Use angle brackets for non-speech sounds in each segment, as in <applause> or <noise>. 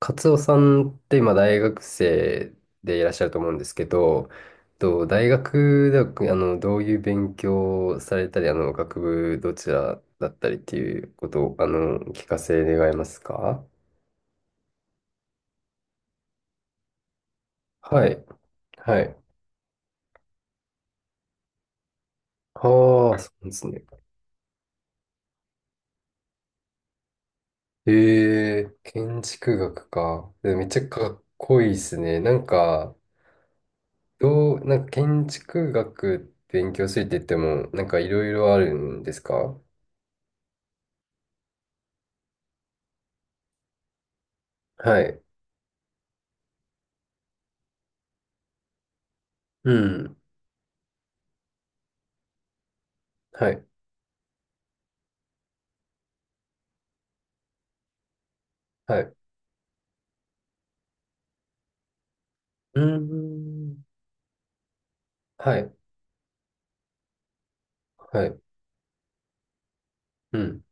カツオさんって今大学生でいらっしゃると思うんですけど、と大学ではどういう勉強をされたり、学部どちらだったりっていうことを聞かせ願えますか？はい。はい。ああ、そうですね。え、建築学か。でめっちゃかっこいいですね。なんか、どう、なんか建築学勉強するって言っても、なんかいろいろあるんですか？はい。うん。はい。はい。うーん。はい。はい。うん。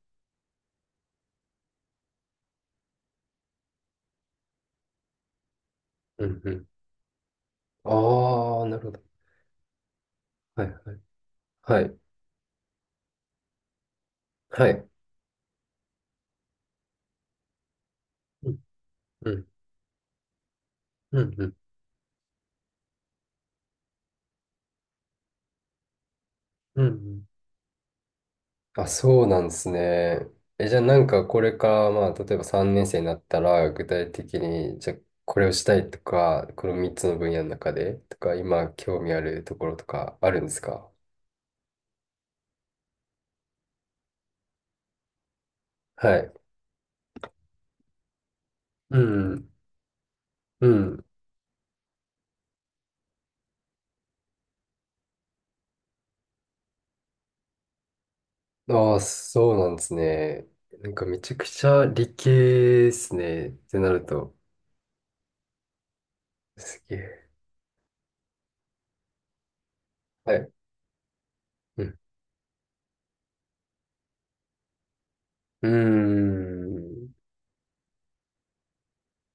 うん。うん。ああ、なるほど。はい。はい。はい。はい。うん。うん。うん。うん。うんうん、あ、そうなんですね。え、じゃあなんかこれから、まあ、例えば3年生になったら、具体的に、じゃあこれをしたいとか、この3つの分野の中で、とか、今興味あるところとかあるんですか？はい。うん。うん。ああ、そうなんですね。なんかめちゃくちゃ理系ですね。ってなると。すげえ。はい。うん。うーん。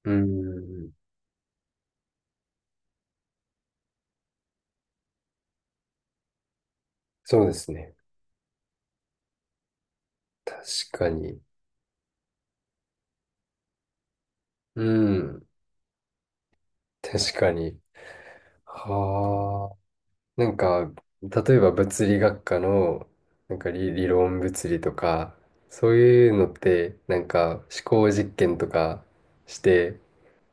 うーん。そうですね。確かに。うん。確かに。はあ。なんか、例えば物理学科の、なんか理論物理とか、そういうのって、なんか思考実験とかして、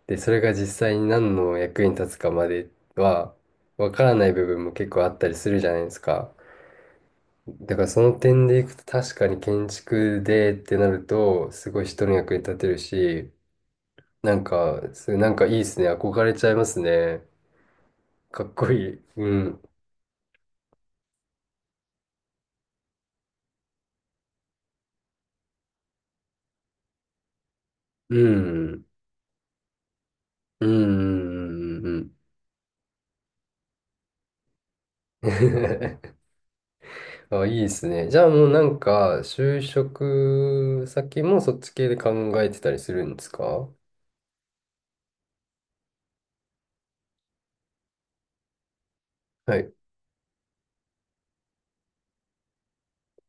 で、それが実際に何の役に立つかまでは、わからない部分も結構あったりするじゃないですか。だからその点でいくと確かに建築でってなると、すごい人の役に立てるし、なんか、それなんかいいですね。憧れちゃいますね。かっこいい。うん。うん。うん。うん。<laughs> あ、いいですね。じゃあもうなんか、就職先もそっち系で考えてたりするんですか？はい。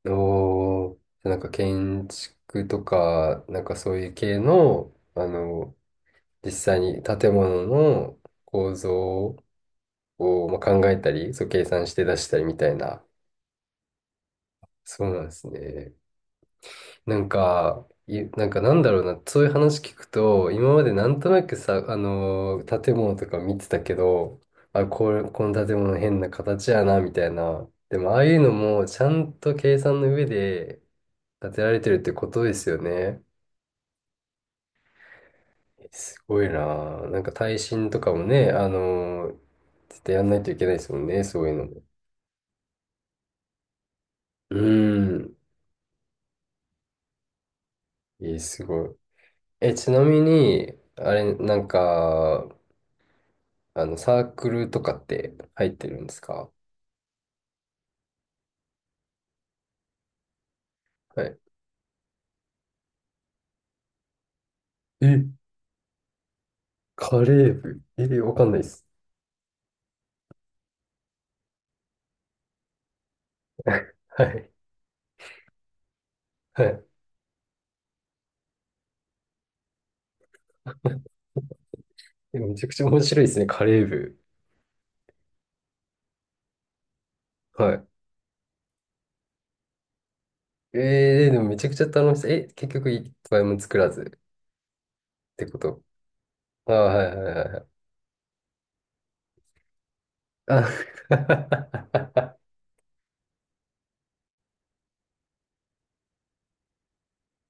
おー、なんか建築とか、なんかそういう系の、実際に建物の構造をまあ考えたり、そう計算して出したりみたいな。そうなんですね。なんかなんだろうな、そういう話聞くと、今までなんとなくさ、建物とか見てたけど、この建物変な形やな、みたいな。でも、ああいうのもちゃんと計算の上で建てられてるってことですよね。すごいな。なんか耐震とかもね、絶対やんないといけないですもんね、そういうの。うん。えー、すごい。え、ちなみに、あれ、なんか、サークルとかって入ってるんですか？はい。え、カレー部。え、わかんないです。<laughs> はい。はい。えめちゃくちゃ面白いですね、カレー部。はい。えー、でもめちゃくちゃ楽しそう。え、結局一杯も作らずってこと？あー、はいはいはいはい。あ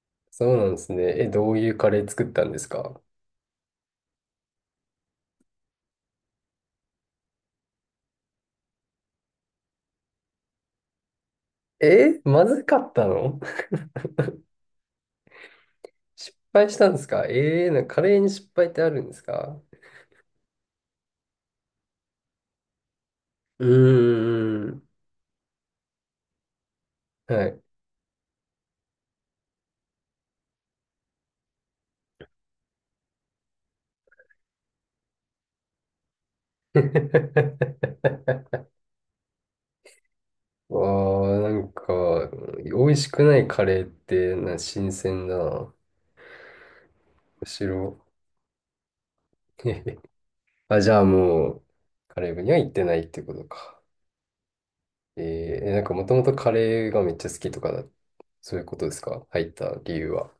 <laughs> そうなんですね。え、どういうカレー作ったんですか？え、まずかったの？失敗したんですか？ええー、なんかカレーに失敗ってあるんですか？うーん。はい。<laughs> わあ、なんか、美味しくないカレーって、新鮮だな。むしろ。<laughs> あ、じゃあもう、カレー部には行ってないってことか。えー、なんかもともとカレーがめっちゃ好きとかだ、そういうことですか？入った理由は。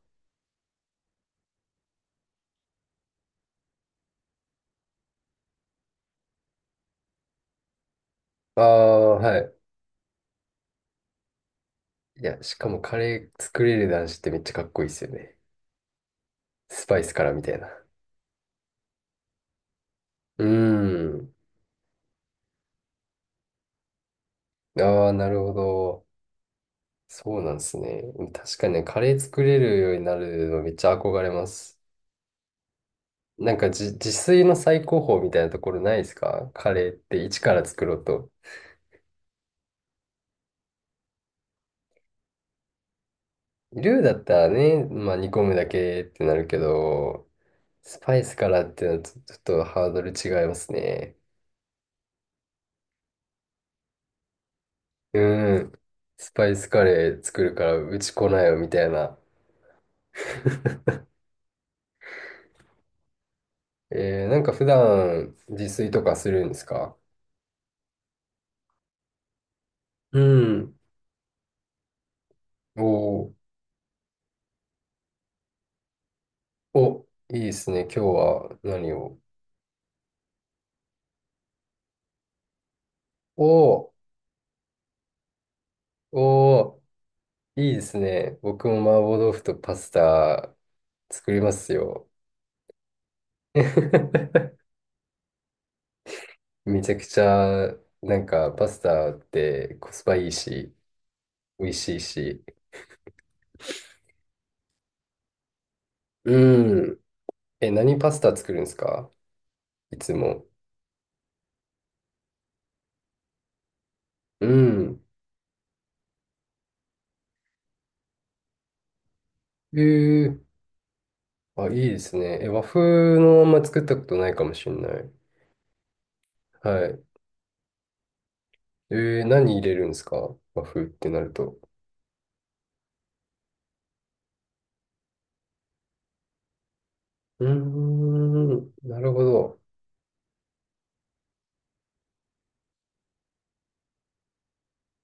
ああ、はい。いや、しかもカレー作れる男子ってめっちゃかっこいいですよね。スパイスからみたいな。うーん。ああ、なるほど。そうなんですね。確かにね、カレー作れるようになるのめっちゃ憧れます。なんかじ、自炊の最高峰みたいなところないですか？カレーって一から作ろうと。ルーだったらね、まあ煮込むだけってなるけど、スパイスからってのはちょっとハードル違いますね。うん。スパイスカレー作るからうち来ないよみたいな。<laughs> えー、なんか普段自炊とかするんですか？うん。おーお、いいですね。今日は何を？お、おー、いいですね。僕も麻婆豆腐とパスタ作りますよ。<laughs> めちゃくちゃ、なんかパスタってコスパいいし、美味しいし。うん。え、何パスタ作るんですか、いつも。うん。えー、あ、いいですね。え、和風のまんま作ったことないかもしれない。はい。えー、何入れるんですか、和風ってなると。うーん、なるほど。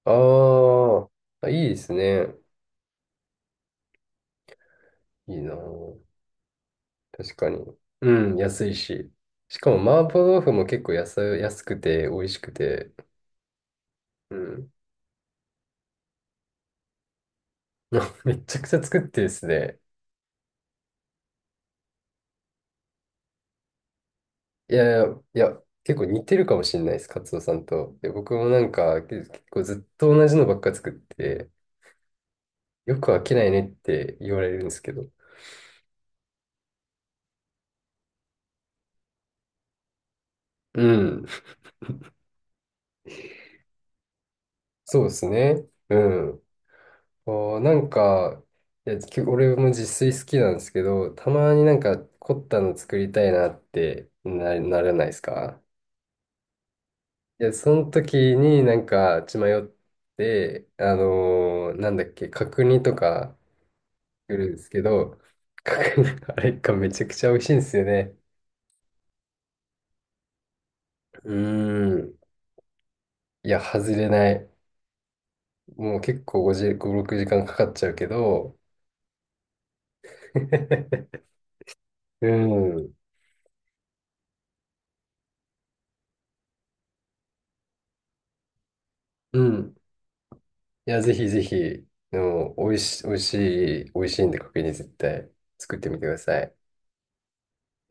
あーあ、いいですね。いいなぁ。確かに。うん、安いし。しかも、麻婆豆腐も結構安、安くて、美味しくて。うん。<laughs> めちゃくちゃ作ってですね。いやいや、いや、結構似てるかもしれないです、カツオさんと。で、僕もなんか、結構ずっと同じのばっか作って、よく飽きないねって言われるんですけど。うん、そうですね。うん。おなんか、いや、俺も自炊好きなんですけど、たまになんか凝ったの作りたいなってならないですか？いや、その時になんか血迷って、あのーなんだっけ、角煮とか作るんですけど、<laughs> 角煮、<laughs> あれがめちゃくちゃ美味しいんですよね。うーん。いや、外れない。もう結構5、5、6時間かんかかっちゃうけど、<laughs> うん。うん。いや、ぜひぜひ、でも、美味しいんで、角煮絶対作ってみてください。